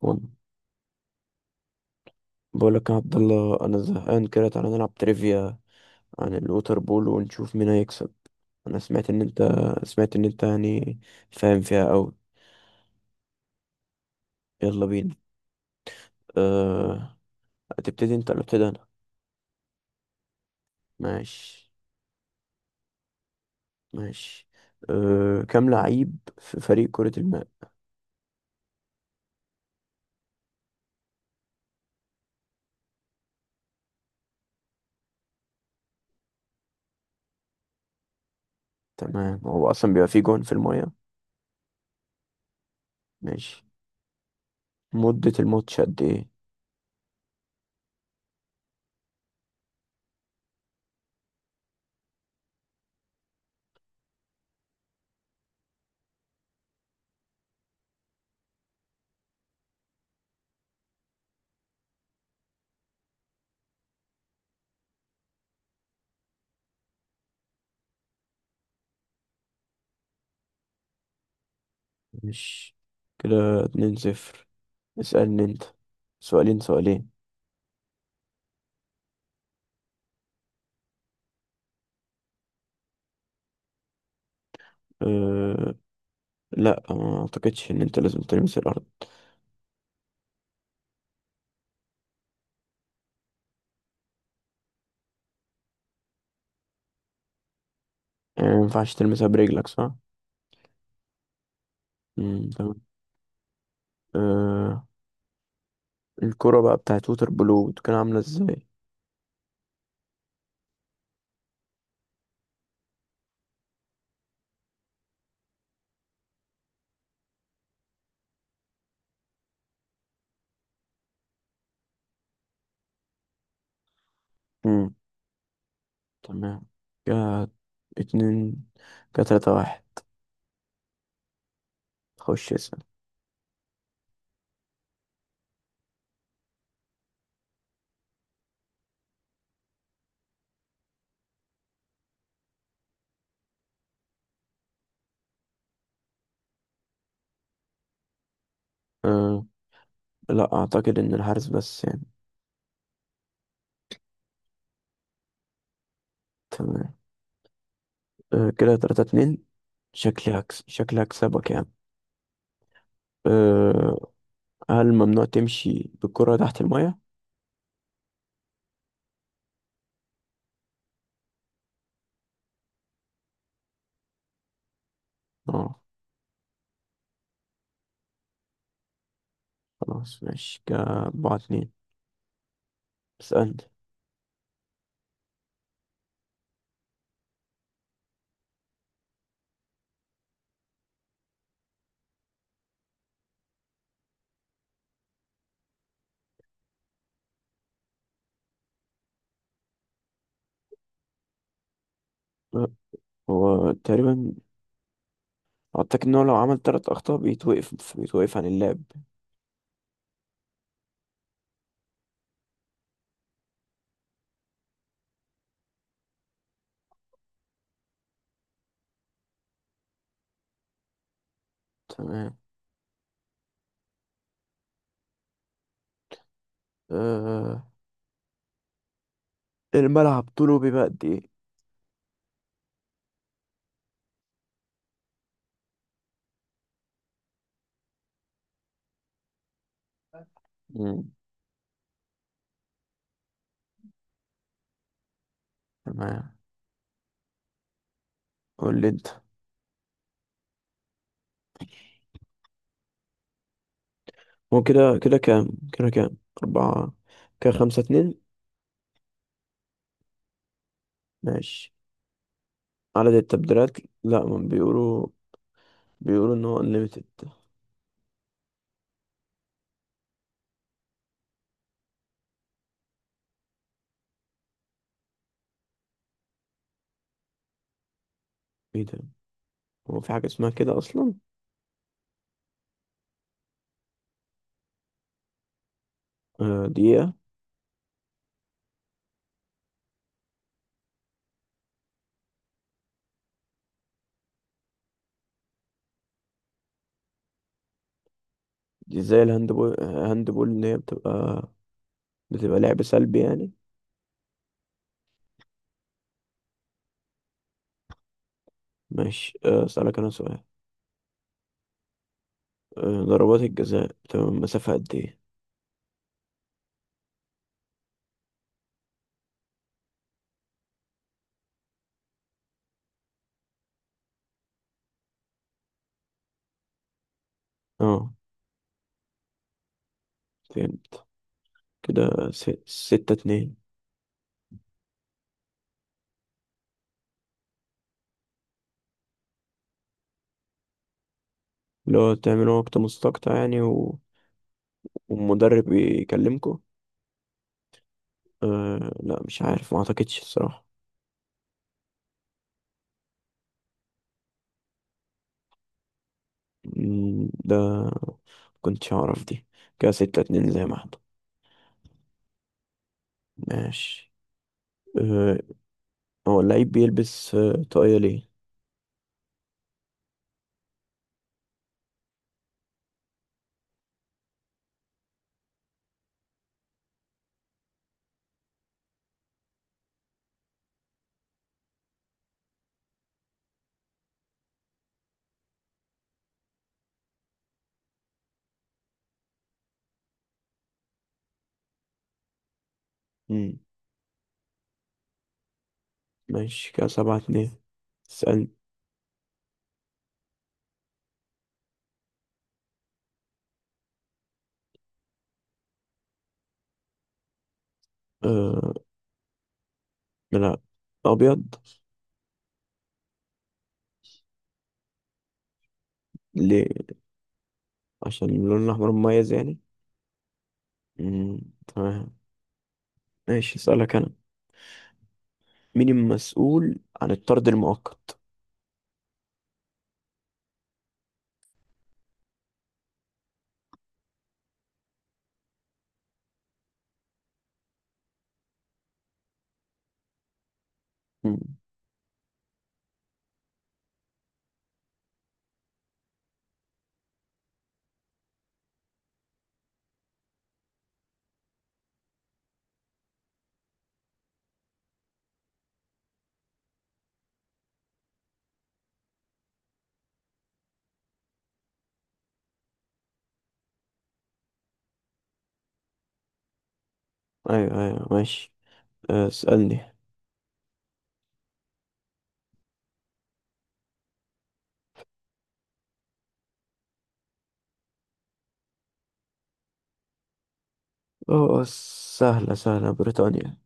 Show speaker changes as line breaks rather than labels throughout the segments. وال- بقول لك يا عبد الله، انا زهقان كده. تعالى نلعب تريفيا عن الوتر بول ونشوف مين هيكسب. انا سمعت ان انت، سمعت ان انت يعني فاهم فيها قوي. يلا بينا. أه... هتبتدي انت ولا ابتدي انا؟ ماشي. ماشي. كام لعيب في فريق كرة الماء؟ تمام، هو اصلا بيبقى فيه جون في المايه. ماشي. مدة الماتش قد ايه؟ ماشي، كده 2 0. اسألني انت، سؤالين سؤالين. أه... لا آه، ما اعتقدش ان انت لازم تلمس الارض. يعني ما ينفعش تلمسها برجلك، صح؟ امم، تمام. آه، الكرة بقى بتاعت ووتر بلو بتكون عاملة ازاي؟ امم، تمام. كده اتنين، كده تلاتة واحد. خش اسأل. آه، لا اعتقد ان الحارس بس يعني. تمام. آه، كده تلاتة اتنين. شكلي هكسبك يعني. أه. هل ممنوع تمشي بالكرة تحت المية؟ اه. خلاص ماشي، كده أربعة اتنين. اسألني. أه، هو تقريبا واتاك ان هو لو عمل تلات اخطاء بيتوقف عن اللعب. تمام. أه... الملعب طوله بيبقى قد ايه؟ مم. تمام. قول لي انت. هو كده كده كام كده كام؟ أربعة. كده خمسة اتنين. ماشي، عدد التبديلات. لا، ما بيقولوا، بيقولوا ان هو unlimited. ايه ده، هو في حاجة اسمها كده اصلا؟ دقيقة. دي زي الهاندبول، هاندبول اللي هي بتبقى بتبقى لعب سلبي يعني. ماشي. آه، اسألك انا سؤال. آه، ضربات الجزاء بتبقى من مسافة قد ايه؟ اه، فهمت. كده ستة اتنين. اللي هو تعملوا وقت مستقطع يعني والمدرب يكلمكوا؟ أه لا، مش عارف، ما اعتقدش الصراحة. مم، ده كنتش اعرف دي. كده ستة اتنين زي ما احنا. ماشي. أه، هو اللعيب بيلبس أه طاقية ليه؟ مم. ماشي، كده سبعة اتنين. اسأل. أه، لا، أبيض. ليه؟ عشان اللون الأحمر مميز يعني. مم. تمام. ماشي، اسألك أنا. مين المسؤول عن الطرد المؤقت؟ مم. أيوه أيوه، ماشي. أه، اسألني. اه، سهلة سهلة، بريطانيا.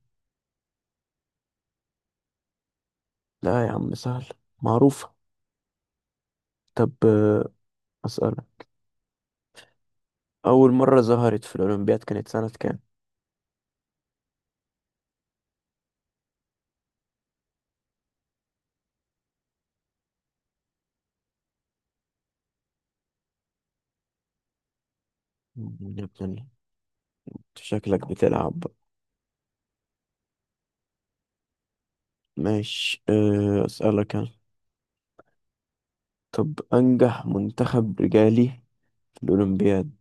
لا يا عم، سهلة، معروفة. طب أه، أسألك. أول مرة ظهرت في الأولمبياد كانت سنة كام؟ مم، يا ابن، شكلك بتلعب. ماشي. أه، أسألك أنا. طب، أنجح منتخب رجالي في الأولمبياد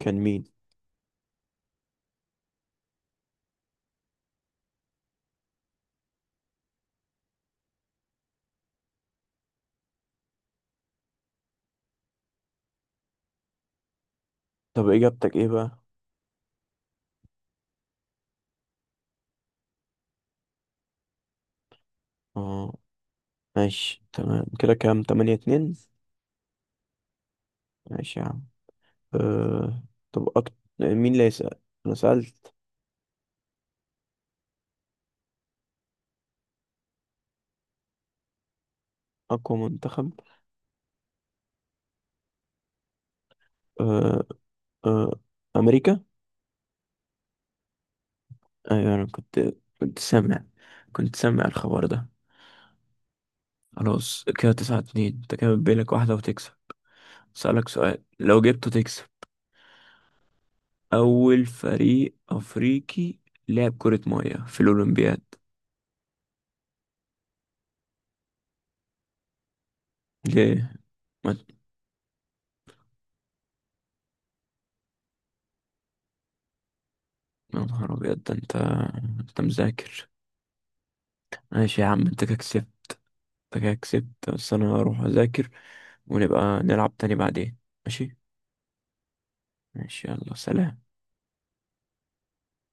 كان مين؟ طب إجابتك إيه بقى؟ اه، ماشي تمام. كده كام، تمانية اتنين؟ ماشي يا عم. أه. طب مين اللي هيسأل؟ أنا سألت. أقوى منتخب. أه. أه، أمريكا؟ أيوة، أنا كنت، كنت سامع، كنت سامع الخبر ده. خلاص، كده تسعة اتنين. أنت كده بيلك واحدة وتكسب. أسألك سؤال لو جبته تكسب. أول فريق أفريقي لعب كرة مية في الأولمبياد. ليه؟ ما- يا نهار أبيض، ده أنت، أنت مذاكر. ماشي يا عم، أنت كده كسبت. بس أنا هروح أذاكر، ونبقى نلعب تاني بعدين، ماشي؟ ماشي، يلا سلام.